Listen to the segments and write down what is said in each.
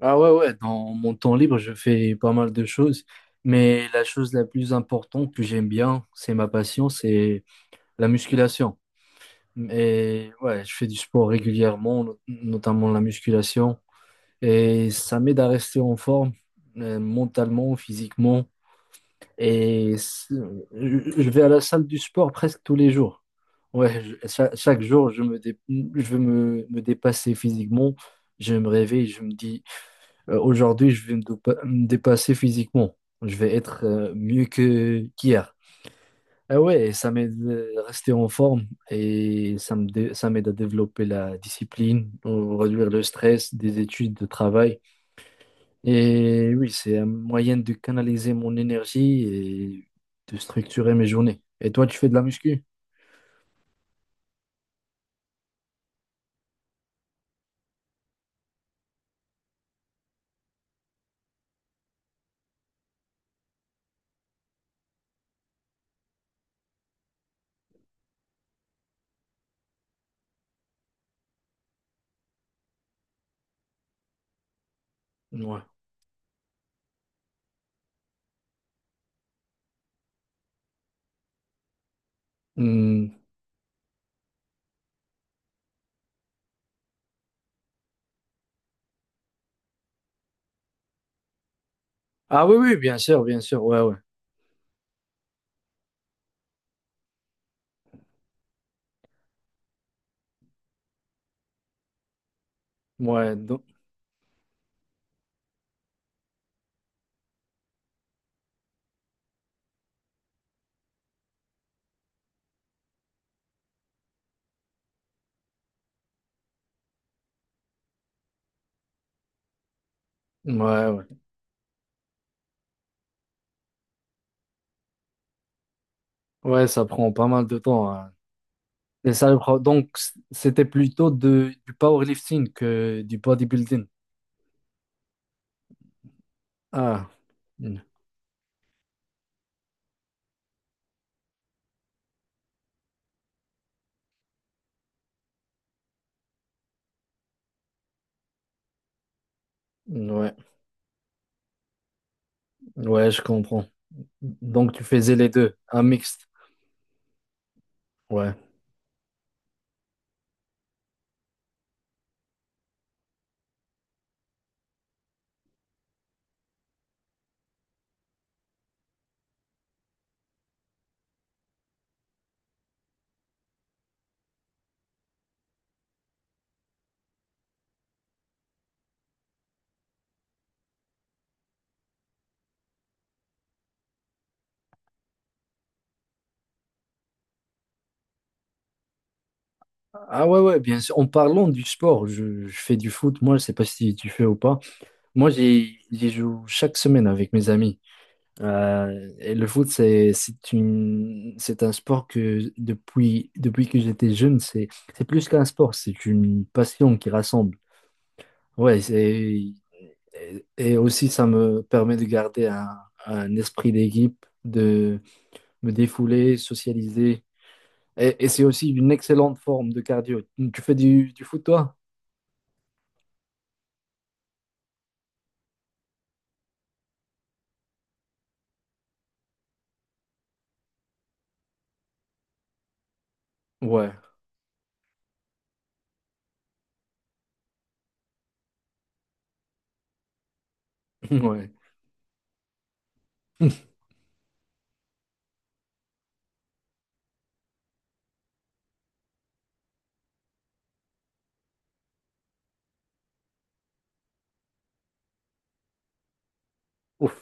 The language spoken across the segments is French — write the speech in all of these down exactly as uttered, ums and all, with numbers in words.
Ah ouais, ouais, dans mon temps libre, je fais pas mal de choses, mais la chose la plus importante que j'aime bien, c'est ma passion, c'est la musculation. Et ouais, je fais du sport régulièrement, no- notamment la musculation, et ça m'aide à rester en forme, euh, mentalement, physiquement, et c'est- je je vais à la salle du sport presque tous les jours. Ouais, je- cha- chaque jour, je me dé- je veux me, me dépasser physiquement, je me réveille, je me dis euh, aujourd'hui, je vais me, dopa- me dépasser physiquement. Je vais être euh, mieux que qu'hier. Ah ouais, et ça m'aide euh, à rester en forme et ça me dé- ça m'aide à développer la discipline, euh, réduire le stress des études, de travail. Et oui, c'est un moyen de canaliser mon énergie et de structurer mes journées. Et toi, tu fais de la muscu? Ouais. Hmm. Ah oui, oui, bien sûr, bien sûr. Ouais, ouais. Ouais, donc- ouais, ouais. Ouais, ça prend pas mal de temps, hein. C'est ça le pro- Donc, c- c'était plutôt de, du powerlifting que du bodybuilding. Ah, mm, ouais, ouais, je comprends. Donc, tu faisais les deux, un mixte. Ouais. Ah ouais, ouais, bien sûr. En parlant du sport, je, je fais du foot. Moi, je sais pas si tu fais ou pas. Moi, j'y j'y joue chaque semaine avec mes amis. Euh, et le foot, c'est, c'est une, c'est un sport que depuis, depuis que j'étais jeune, c'est, c'est plus qu'un sport, c'est une passion qui rassemble. Ouais, c'est. Et, et aussi, ça me permet de garder un, un esprit d'équipe, de me défouler, socialiser. Et, et c'est aussi une excellente forme de cardio. Tu fais du, du foot, toi? Ouais, ouais. Ouf.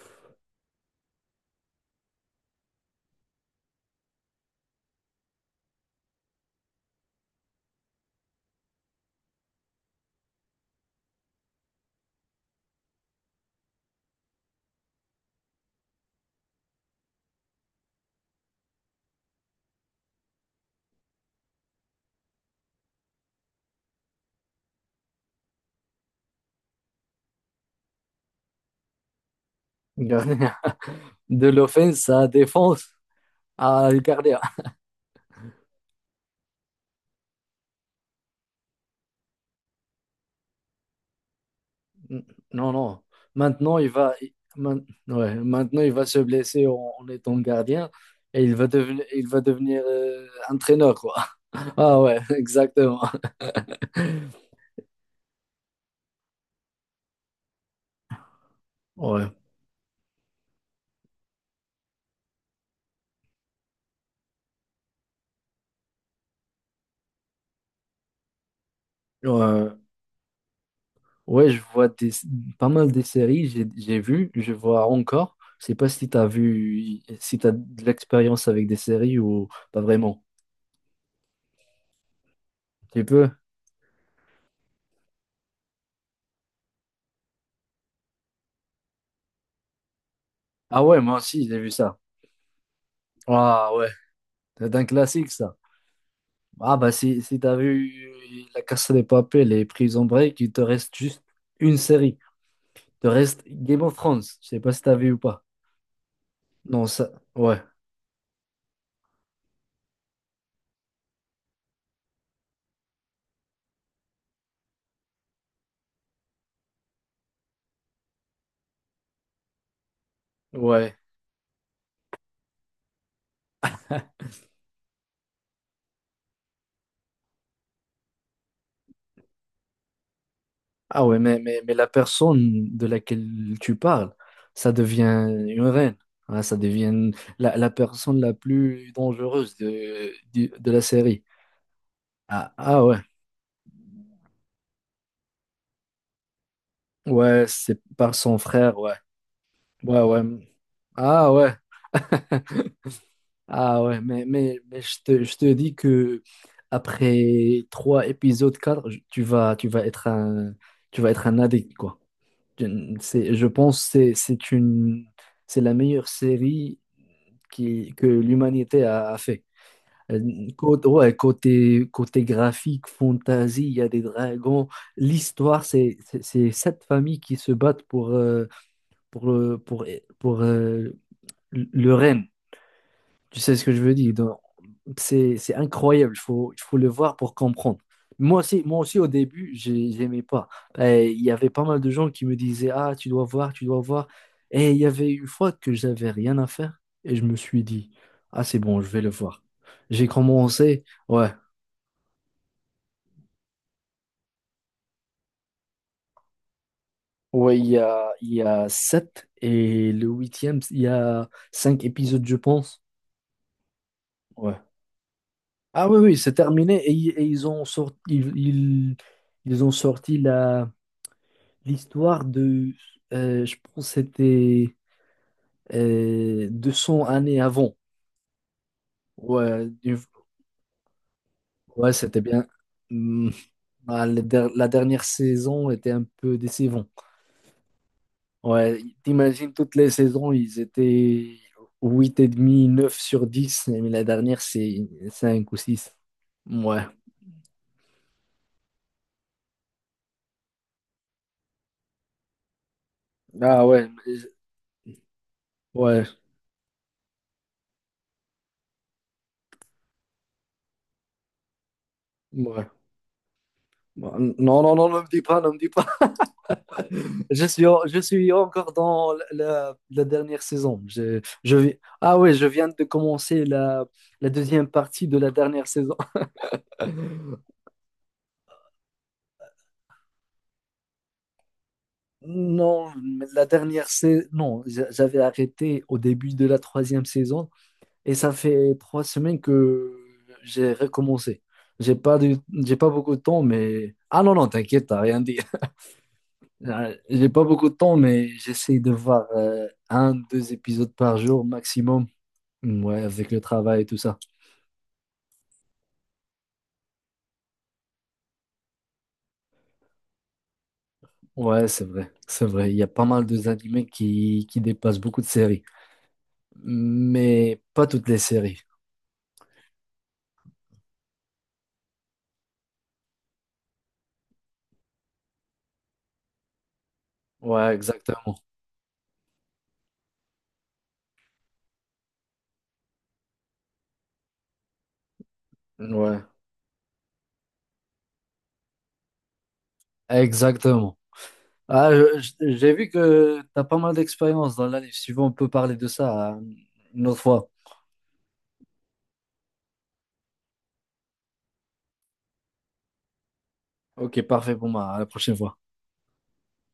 Gardia. De l'offense à défense à Gardia. N- Non, non. Maintenant, il va, il- main- Ouais, maintenant, il va se blesser en, en étant gardien et il va devenir il va devenir euh, entraîneur, quoi. Ah ouais, exactement. Ouais. Ouais. Ouais, je vois des, pas mal de séries, j'ai j'ai vu, je vois encore. Je sais pas si t'as vu, si t'as de l'expérience avec des séries ou pas vraiment. Tu peux? Ah ouais, moi aussi, j'ai vu ça. Ah ouais, c'est un classique, ça. Ah bah si, si t'as vu La Casa de Papel et Prison Break, il te reste juste une série. Il te reste Game of Thrones. Je sais pas si t'as vu ou pas. Non, ça, ouais, ouais. Ah ouais, mais, mais, mais la personne de laquelle tu parles, ça devient une reine, hein, ça devient la, la personne la plus dangereuse de, du- de la série. Ah, ah ouais, ouais, c'est par son frère, ouais. Ouais, ouais. Ah ouais, ah ouais, mais, mais, mais je te, je te dis que après trois épisodes, quatre, tu vas, tu vas être un, tu vas être un addict, quoi. C'est, je pense c'est c'est une c'est la meilleure série qui, que l'humanité a, a fait. Euh, Côté, ouais, côté, côté graphique, fantasy, il y a des dragons. L'histoire, c'est c'est- c'est sept familles qui se battent pour, euh, pour, euh, pour, pour, euh, le le règne. Tu sais ce que je veux dire? C'est, c'est incroyable, il faut, il faut le voir pour comprendre. Moi aussi, moi aussi au début, j'ai- j'aimais pas. Euh, Il y avait pas mal de gens qui me disaient, ah, tu dois voir, tu dois voir. Et il y avait une fois que j'avais rien à faire et je me suis dit, ah, c'est bon, je vais le voir. J'ai commencé, ouais, ouais, il y a, il y a sept et le huitième, il y a cinq épisodes, je pense. Ouais. Ah oui, oui, c'est terminé et, ils et ils ont sorti, ils, ils ils ont sorti la l'histoire de, euh, je pense que c'était euh, deux cents années avant. Ouais, du- ouais, c'était bien. Hum, ah, la der- la dernière saison était un peu décevante. Ouais, t'imagines toutes les saisons, ils étaient huit et demi neuf sur dix mais la dernière, c'est cinq ou six. Ouais. Ah ouais, mais- ouais, ouais. Bon, non, non, non, ne me dis pas, ne me dis. Je suis, en- je suis encore dans la, la- la dernière saison. Je, je, vi- ah oui, je viens de commencer la, la deuxième partie de la dernière saison. Non, mais la dernière saison, non, j'a- j'avais arrêté au début de la troisième saison et ça fait trois semaines que j'ai recommencé. J'ai pas de, j'ai pas beaucoup de temps, mais... Ah non, non, t'inquiète, t'as rien dit. Euh, J'ai pas beaucoup de temps, mais j'essaie de voir euh, un, deux épisodes par jour maximum. Ouais, avec le travail et tout ça. Ouais, c'est vrai, c'est vrai. Il y a pas mal de animés qui, qui dépassent beaucoup de séries, mais pas toutes les séries. Ouais, exactement. Ouais, exactement. Ah, je- je- j'ai vu que t'as pas mal d'expérience dans l'anime. Si tu veux, on peut parler de ça euh, une autre fois. Ok, parfait pour moi. À la prochaine fois.